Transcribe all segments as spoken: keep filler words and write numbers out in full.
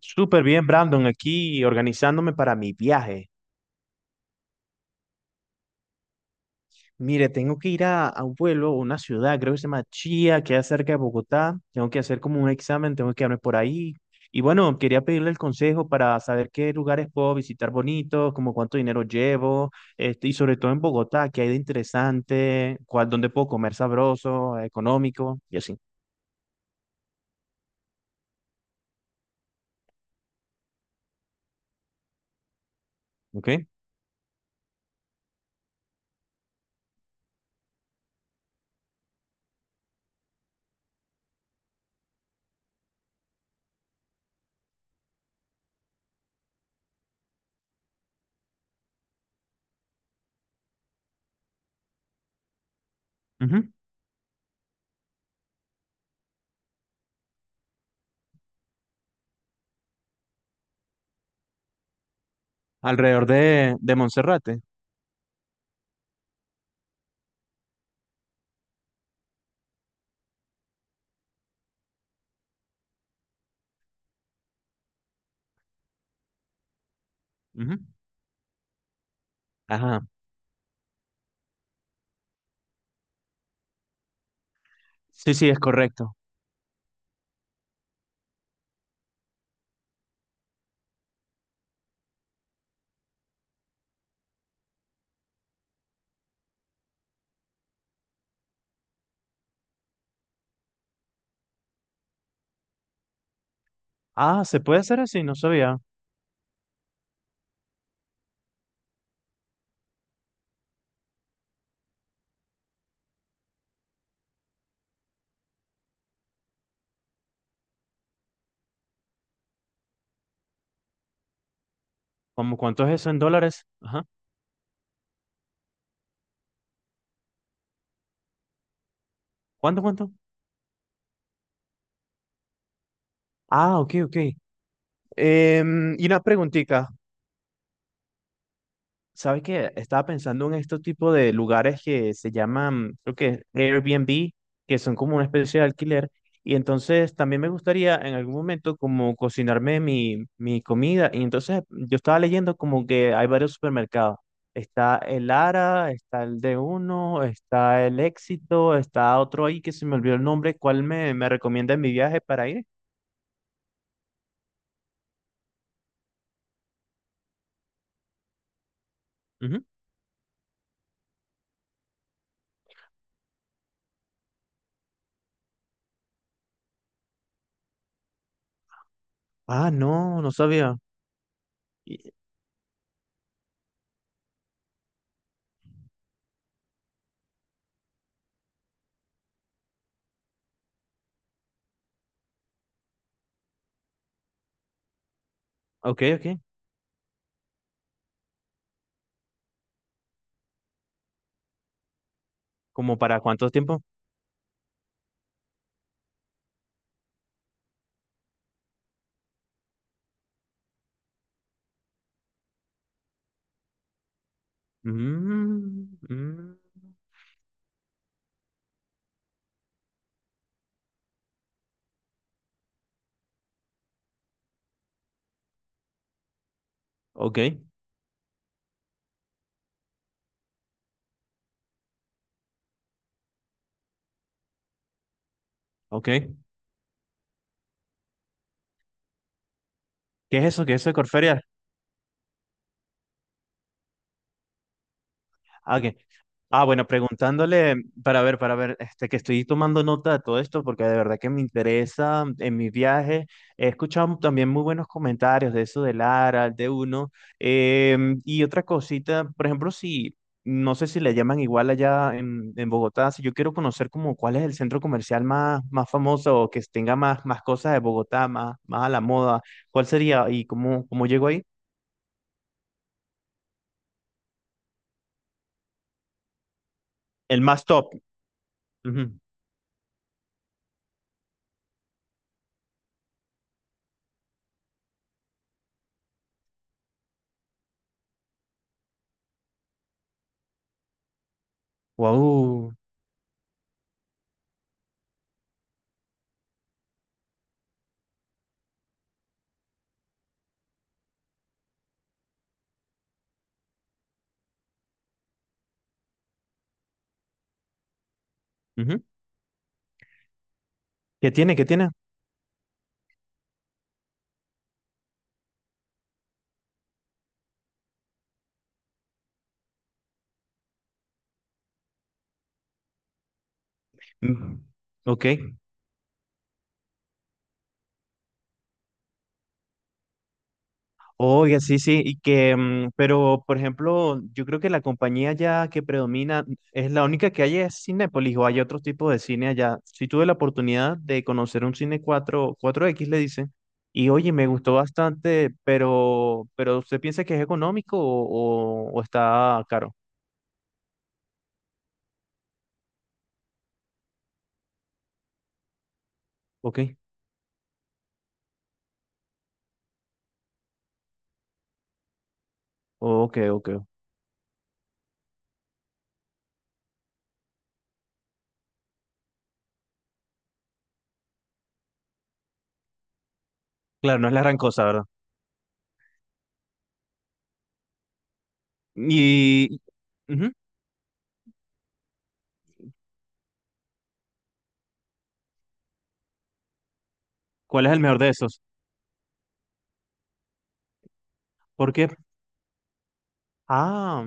Súper bien, Brandon, aquí organizándome para mi viaje. Mire, tengo que ir a, a un pueblo, una ciudad, creo que se llama Chía, que es cerca de Bogotá. Tengo que hacer como un examen, tengo que quedarme por ahí. Y bueno, quería pedirle el consejo para saber qué lugares puedo visitar bonitos, como cuánto dinero llevo, este, y sobre todo en Bogotá, qué hay de interesante, cuál, dónde puedo comer sabroso, económico, y así. ¿Ok? Ujú. Alrededor de, de Monserrate. Ujú. Ajá. Sí, sí, es correcto. Ah, se puede hacer así, no sabía. ¿Cómo cuánto es eso en dólares? Ajá. ¿Cuánto, cuánto? Ah, ok, ok. Em, y una preguntita, ¿sabes qué? Estaba pensando en este tipo de lugares que se llaman, creo que es Airbnb, que son como una especie de alquiler. Y entonces también me gustaría en algún momento como cocinarme mi, mi comida. Y entonces yo estaba leyendo como que hay varios supermercados. Está el Ara, está el de uno, está el Éxito, está otro ahí que se me olvidó el nombre. ¿Cuál me, me recomienda en mi viaje para ir? Ujú. Ah, no, no sabía. Y- ok, ok. ¿Como para cuánto tiempo? Mm, mm, ok, ok. ¿Qué es eso? ¿Qué es eso de Corferia? Ah, ok. Ah, bueno, preguntándole para ver, para ver, este, que estoy tomando nota de todo esto porque de verdad que me interesa, mm, en mi viaje. He escuchado también muy buenos comentarios de eso de Lara, de uno. Em, y otra cosita, por ejemplo, si, no sé si le llaman igual allá en, en Bogotá, si yo quiero conocer como cuál es el centro comercial más, más famoso o que tenga más, más cosas de Bogotá, más, más a la moda, ¿cuál sería y cómo, cómo llego ahí? El más top. Ujú. Guau. Ujú. ¿Qué tiene? ¿Qué tiene? Mm, ok, oiga, sí, sí, y que, mm, pero por ejemplo, yo creo que la compañía ya que predomina es la única que hay es Cinépolis, o hay otro tipo de cine allá. Sí tuve la oportunidad de conocer un cine cuatro cuatro x le dicen, y oye, me gustó bastante, pero, pero ¿usted piensa que es económico o, o- o está caro? Ok, ok, ok. Claro, no es la gran cosa, ¿verdad? Y, ujú, ¿cuál es el mejor de esos? Porque, ah,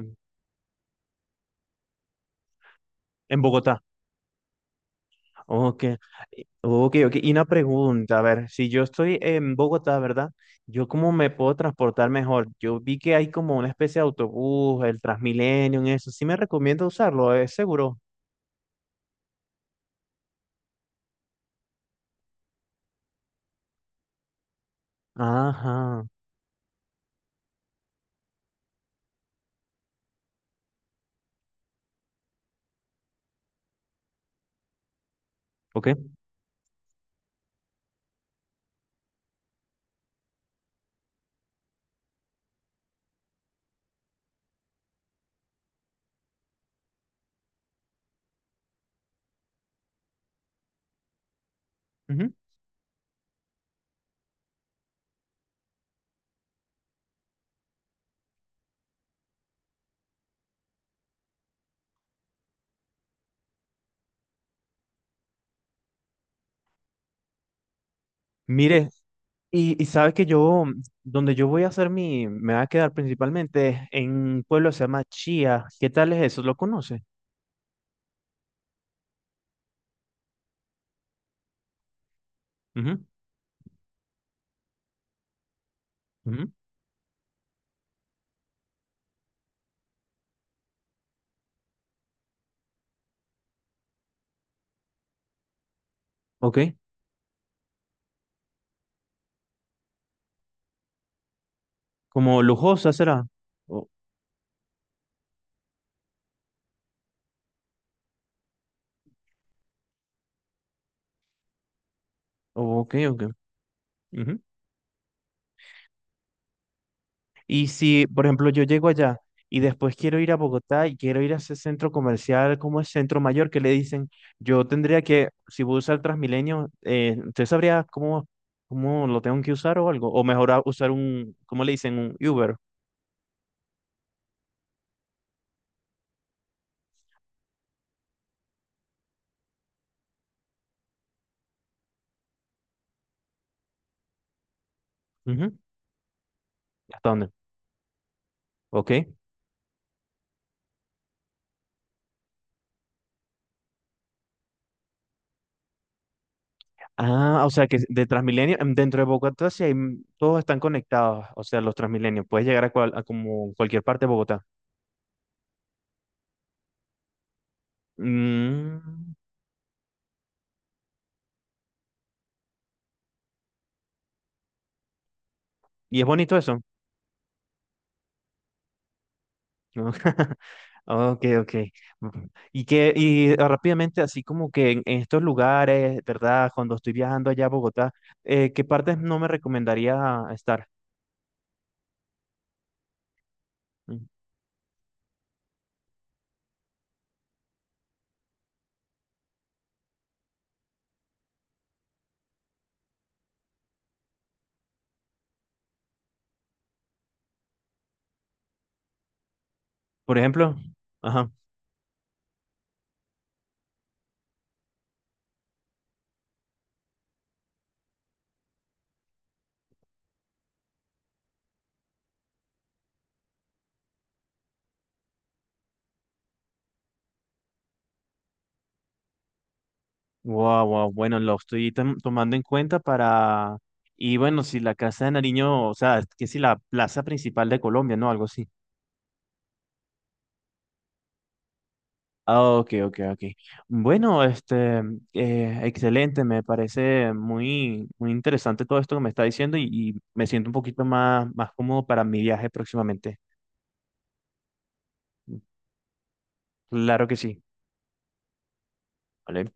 en Bogotá. Ok, ok, ok. Y una pregunta, a ver, si yo estoy en Bogotá, ¿verdad? ¿Yo cómo me puedo transportar mejor? Yo vi que hay como una especie de autobús, el Transmilenio, en eso. Sí me recomiendo usarlo, es seguro. Ajá, ok. Ujú. Mire, y, y sabes que yo, donde yo voy a hacer mi, me va a quedar principalmente en un pueblo que se llama Chía. ¿Qué tal es eso? ¿Lo conoces? Ujú, ujú. Ok, como lujosa será. O- ok, ok. Ujú. Y si, por ejemplo, yo llego allá y después quiero ir a Bogotá y quiero ir a ese centro comercial como el Centro Mayor, que le dicen, yo tendría que, si voy a usar Transmilenio, eh, ¿usted sabría cómo, cómo lo tengo que usar o algo? O mejor a- usar un, ¿cómo le dicen? Un Uber. Ujú. ¿Hasta dónde? Ok. Ah, o sea que de Transmilenio, em, dentro de Bogotá, sí hay, m- todos están conectados, o sea, los Transmilenios, puedes llegar a, cual- a como cualquier parte de Bogotá. Mm, y es bonito eso. Ah, ok, ok. Ujú. Y que, y ah, rápidamente, así como que en, en estos lugares, ¿verdad? Cuando estoy viajando allá a Bogotá, eh, ¿qué partes no me recomendaría estar? Mm, por ejemplo, ajá. Wow, wow. Bueno, lo estoy tom- tomando en cuenta para. Y bueno, si la Casa de Nariño, o sea, que si la plaza principal de Colombia, ¿no? Algo así. Ah, ok, ok, ok. Bueno, este, eh, excelente, me parece muy, muy interesante todo esto que me está diciendo y, y me siento un poquito más, más cómodo para mi viaje próximamente. Claro que sí. ¿Vale?